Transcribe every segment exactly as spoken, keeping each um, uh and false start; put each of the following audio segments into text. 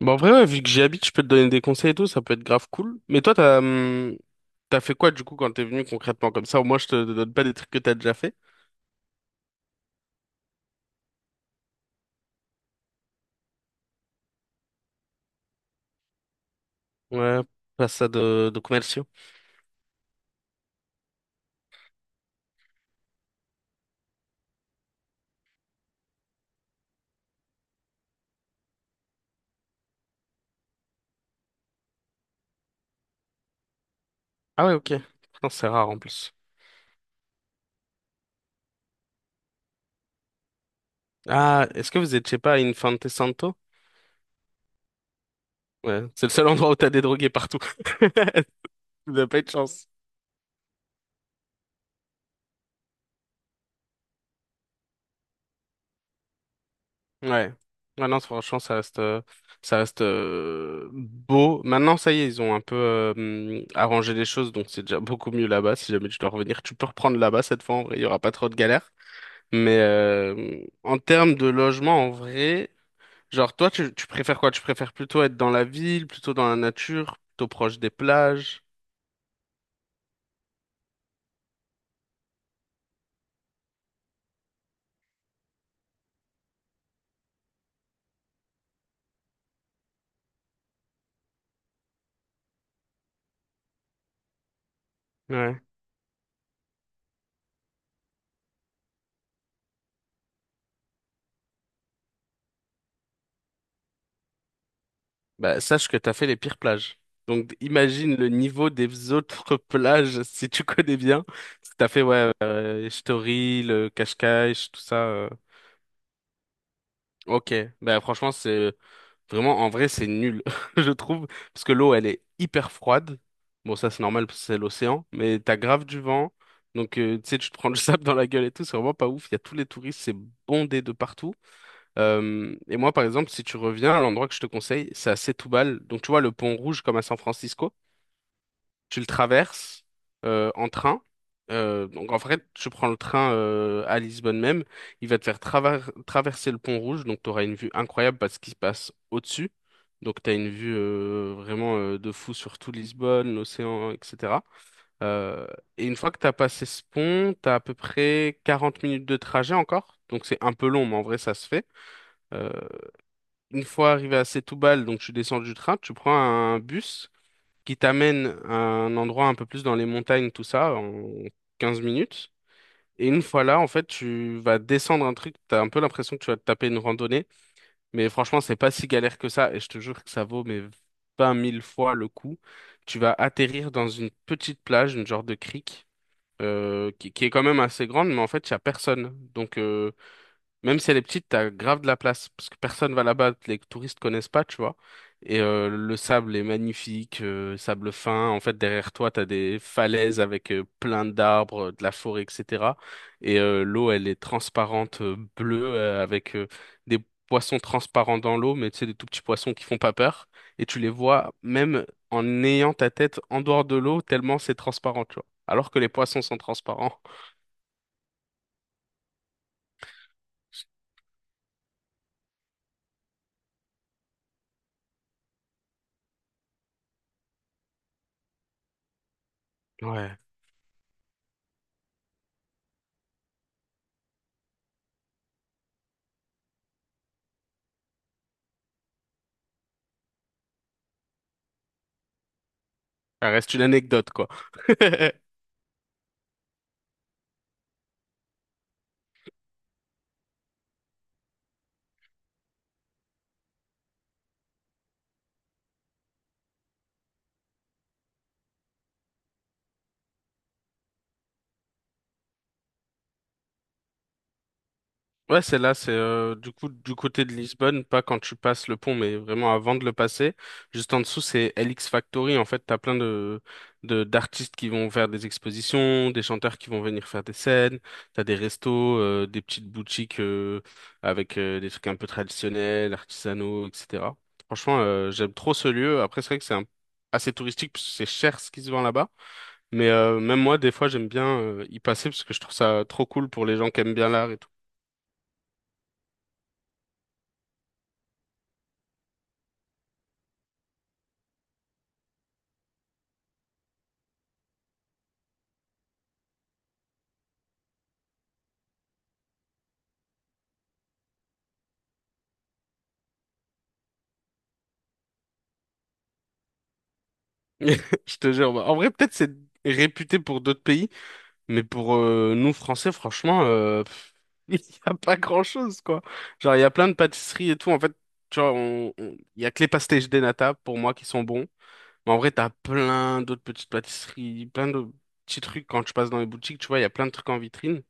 Bon, en vrai, ouais, vu que j'y habite, je peux te donner des conseils et tout, ça peut être grave cool. Mais toi, t'as, hum, t'as fait quoi du coup quand t'es venu concrètement comme ça? Au moins, je te donne pas des trucs que t'as déjà fait. Ouais, pas ça de, de commerciaux. Ah ouais, ok. Non, c'est rare en plus. Ah, est-ce que vous êtes, je sais pas, à Infante Santo? Ouais, c'est le seul endroit où t'as des drogués partout. Vous n'avez pas eu de chance. Ouais. Ouais, non, franchement, ça reste, euh, ça reste euh, beau. Maintenant, ça y est, ils ont un peu euh, hum, arrangé les choses, donc c'est déjà beaucoup mieux là-bas. Si jamais tu dois revenir, tu peux reprendre là-bas cette fois, en vrai, il y aura pas trop de galères. Mais euh, en termes de logement, en vrai, genre, toi, tu, tu préfères quoi? Tu préfères plutôt être dans la ville, plutôt dans la nature, plutôt proche des plages? Bah, sache que t'as fait les pires plages. Donc, imagine le niveau des autres plages, si tu connais bien. Parce que t'as fait, ouais, euh, Story, le Cascais, tout ça. euh. Ok. Bah, franchement, c'est vraiment, en vrai, c'est nul, je trouve. Parce que l'eau, elle est hyper froide. Bon, ça, c'est normal parce que c'est l'océan. Mais t'as grave du vent. Donc, euh, tu sais, tu te prends le sable dans la gueule et tout. C'est vraiment pas ouf. Il y a tous les touristes. C'est bondé de partout. Euh, et moi, par exemple, si tu reviens, l'endroit que je te conseille, c'est à Setoubal. Donc, tu vois, le pont rouge comme à San Francisco, tu le traverses euh, en train. Euh, donc, en fait, tu prends le train euh, à Lisbonne même. Il va te faire traver- traverser le pont rouge. Donc, tu auras une vue incroyable parce qu'il se passe au-dessus. Donc, tu as une vue euh, vraiment euh, de fou sur tout Lisbonne, l'océan, et cetera. Euh, et une fois que tu as passé ce pont, tu as à peu près quarante minutes de trajet encore. Donc, c'est un peu long, mais en vrai, ça se fait. Une fois arrivé à Setoubal, donc tu descends du train, tu prends un bus qui t'amène à un endroit un peu plus dans les montagnes, tout ça, en quinze minutes. Et une fois là, en fait, tu vas descendre un truc, t'as un peu l'impression que tu vas te taper une randonnée, mais franchement, c'est pas si galère que ça, et je te jure que ça vaut mais vingt mille fois le coup. Tu vas atterrir dans une petite plage, une genre de crique, euh, qui, qui est quand même assez grande, mais en fait, il y a personne. Donc, euh, même si elle est petite, t'as grave de la place parce que personne va là-bas, les touristes connaissent pas, tu vois. Et euh, le sable est magnifique, euh, sable fin. En fait, derrière toi, t'as des falaises avec euh, plein d'arbres, euh, de la forêt, et cetera. Et euh, l'eau, elle est transparente, euh, bleue, euh, avec euh, des poissons transparents dans l'eau, mais tu sais, des tout petits poissons qui font pas peur. Et tu les vois même en ayant ta tête en dehors de l'eau, tellement c'est transparent, tu vois. Alors que les poissons sont transparents. Ouais. Ça reste une anecdote, quoi. Ouais, c'est là, c'est euh, du coup du côté de Lisbonne, pas quand tu passes le pont, mais vraiment avant de le passer. Juste en dessous, c'est L X Factory. En fait, t'as plein de de d'artistes qui vont faire des expositions, des chanteurs qui vont venir faire des scènes. T'as des restos, euh, des petites boutiques euh, avec euh, des trucs un peu traditionnels, artisanaux, et cetera. Franchement, euh, j'aime trop ce lieu. Après, c'est vrai que c'est un- assez touristique parce que c'est cher ce qui se vend là-bas. Mais euh, même moi, des fois, j'aime bien euh, y passer parce que je trouve ça trop cool pour les gens qui aiment bien l'art et tout. Je te jure. bah, En vrai, peut-être c'est réputé pour d'autres pays, mais pour euh, nous, Français, franchement, euh, pff, il n'y a pas grand-chose, quoi. Genre, il y a plein de pâtisseries et tout. En fait, tu vois, on, on- il y a que les pastéis de nata, pour moi, qui sont bons. Mais en vrai, t'as plein d'autres petites pâtisseries, plein de petits trucs quand tu passes dans les boutiques. Tu vois, il y a plein de trucs en vitrine.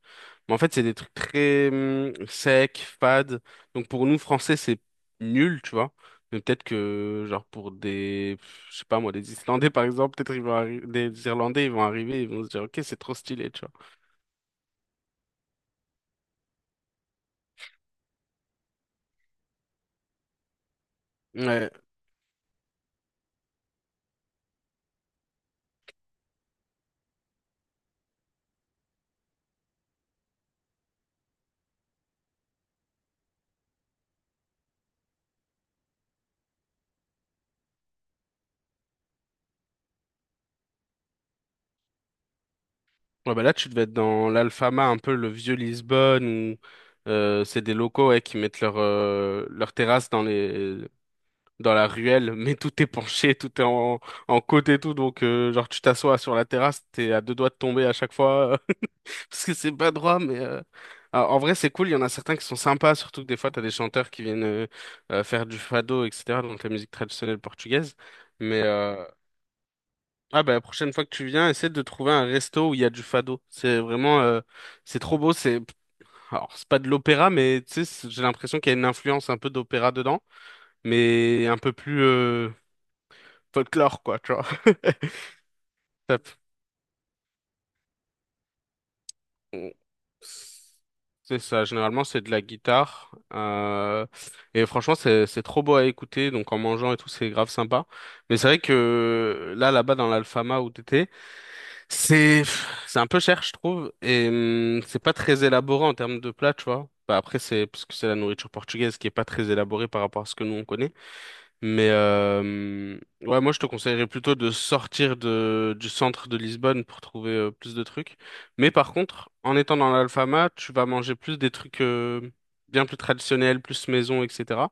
Mais en fait, c'est des trucs très hum, secs, fades. Donc pour nous, français, c'est nul, tu vois. Mais peut-être que, genre, pour des, pff, je sais pas moi, des Islandais, par exemple, peut-être ils vont arri- des Irlandais, ils vont arriver, ils vont se dire, ok, c'est trop stylé, tu vois. Ouais. Ouais, bah là, tu devais être dans l'Alfama, un peu le vieux Lisbonne, où euh, c'est des locaux ouais, qui mettent leur, euh, leur terrasse dans les, dans la ruelle, mais tout est penché, tout est en, en côte et tout. Donc, euh, genre, tu t'assois sur la terrasse, t'es à deux doigts de tomber à chaque fois. Parce que c'est pas droit, mais euh, ah, en vrai, c'est cool. Il y en a certains qui sont sympas, surtout que des fois, t'as des chanteurs qui viennent euh, euh, faire du fado, et cetera, donc la musique traditionnelle portugaise. Mais euh, ah, bah, la prochaine fois que tu viens, essaie de trouver un resto où il y a du fado. C'est vraiment, euh, c'est trop beau. C'est alors, c'est pas de l'opéra, mais tu sais, c'est- j'ai l'impression qu'il y a une influence un peu d'opéra dedans, mais un peu plus euh, folklore, quoi, tu vois. on- C'est ça, généralement c'est de la guitare. Euh, et franchement c'est c'est trop beau à écouter, donc en mangeant et tout c'est grave sympa. Mais c'est vrai que là là-bas dans l'Alfama où t'étais, c'est c'est un peu cher je trouve et hum, c'est pas très élaboré en termes de plat, tu vois. Bah, après c'est parce que c'est la nourriture portugaise qui est pas très élaborée par rapport à ce que nous on connaît. Mais euh, ouais, moi je te conseillerais plutôt de sortir de, du centre de Lisbonne pour trouver euh, plus de trucs. Mais par contre, en étant dans l'Alfama, tu vas manger plus des trucs euh, bien plus traditionnels, plus maison, et cetera.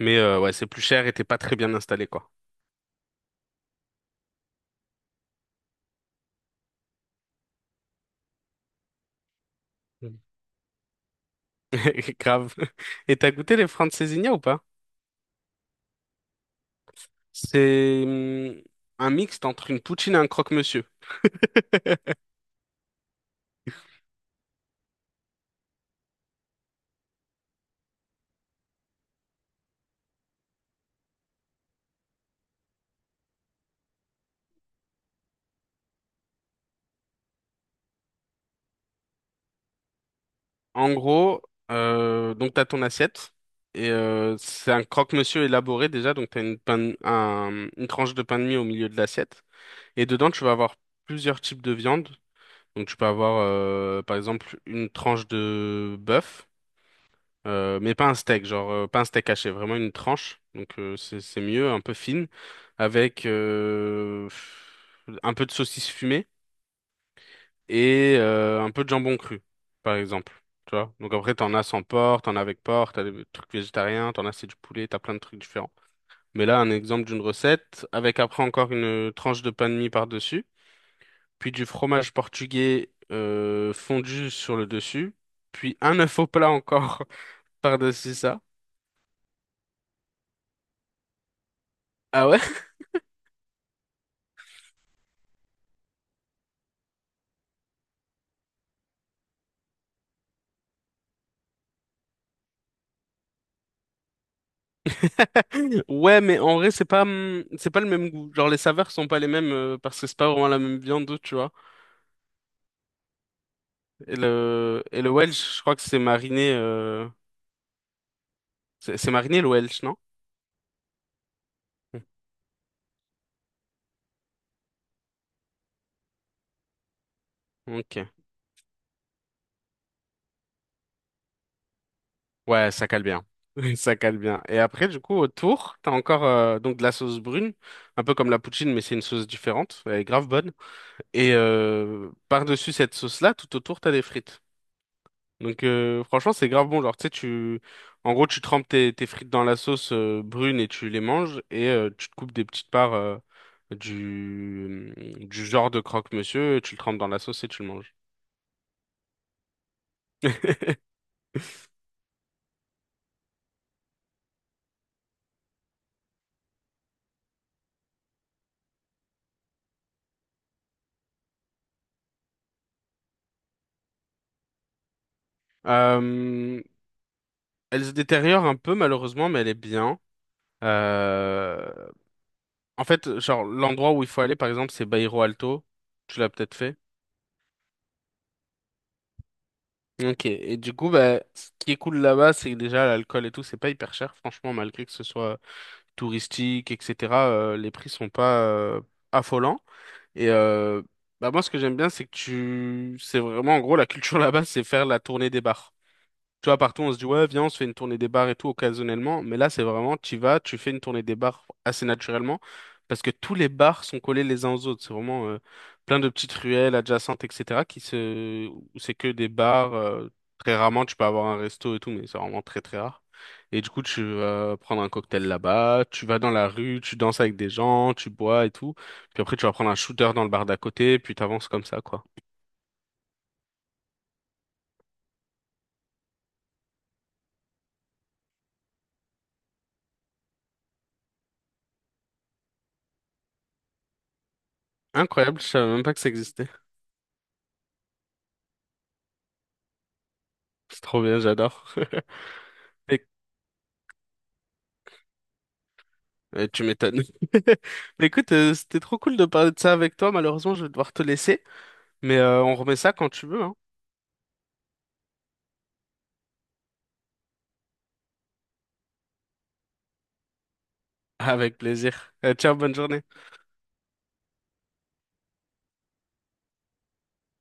Mais euh, ouais, c'est plus cher et t'es pas très bien installé, quoi. Mm. Grave. Et t'as goûté les francesinha ou pas? C'est hum, un mixte entre une poutine et un croque-monsieur. En gros, euh, donc t'as ton assiette et euh, c'est un croque-monsieur élaboré déjà, donc t'as une pain un- une tranche de pain de mie au milieu de l'assiette et dedans tu vas avoir plusieurs types de viande. Donc tu peux avoir euh, par exemple une tranche de bœuf, euh, mais pas un steak, genre euh, pas un steak haché, vraiment une tranche. Donc euh, c'est c'est mieux, un peu fine, avec euh, un peu de saucisse fumée et euh, un peu de jambon cru, par exemple. Tu vois? Donc après, t'en as sans porc, t'en as avec porc, t'as des trucs végétariens, t'en as c'est du poulet, t'as plein de trucs différents. Mais là, un exemple d'une recette, avec après encore une tranche de pain de mie par-dessus, puis du fromage portugais euh, fondu sur le dessus, puis un œuf au plat encore par-dessus ça. Ah ouais? Ouais, mais en vrai, c'est pas, hum, c'est pas le même goût. Genre, les saveurs sont pas les mêmes euh, parce que c'est pas vraiment la même viande, tu vois. Et le, et le Welsh, je crois que c'est mariné. euh, C'est c'est Marigny le Welsh, non? Ok. Ouais, ça cale bien. Ça cale bien. Et après, du coup, autour, t'as encore euh, donc de la sauce brune, un peu comme la poutine, mais c'est une sauce différente. Elle est grave bonne. Et euh, par-dessus cette sauce-là, tout autour, t'as des frites. Donc euh, franchement, c'est grave bon. Genre, tu sais, tu... En gros, tu trempes tes, tes frites dans la sauce euh, brune et tu les manges et euh, tu te coupes des petites parts euh, du... du genre de croque-monsieur, tu le trempes dans la sauce et tu le manges. Euh, Elle se détériore un peu malheureusement, mais elle est bien. Euh, En fait, genre l'endroit où il faut aller, par exemple, c'est Bairro Alto. Tu l'as peut-être fait. Ok. Et du coup, bah, ce qui est cool là-bas, c'est que déjà l'alcool et tout, c'est pas hyper cher. Franchement, malgré que ce soit touristique, et cetera, euh, les prix sont pas euh, affolants. Et euh, bah moi, ce que j'aime bien, c'est que tu, c'est vraiment en gros la culture là-bas, c'est faire la tournée des bars. Tu vois, partout, on se dit, ouais, viens, on se fait une tournée des bars et tout occasionnellement. Mais là, c'est vraiment, tu vas, tu fais une tournée des bars assez naturellement parce que tous les bars sont collés les uns aux autres. C'est vraiment euh, plein de petites ruelles adjacentes, et cetera qui se... où c'est que des bars. Euh, très rarement, tu peux avoir un resto et tout, mais c'est vraiment très, très rare. Et du coup, tu vas prendre un cocktail là-bas, tu vas dans la rue, tu danses avec des gens, tu bois et tout. Puis après, tu vas prendre un shooter dans le bar d'à côté, puis t'avances comme ça, quoi. Incroyable, je savais même pas que ça existait. C'est trop bien, j'adore. Euh, tu m'étonnes. Mais écoute, euh, c'était trop cool de parler de ça avec toi. Malheureusement, je vais devoir te laisser. Mais euh, on remet ça quand tu veux, hein. Avec plaisir. Euh, ciao, bonne journée.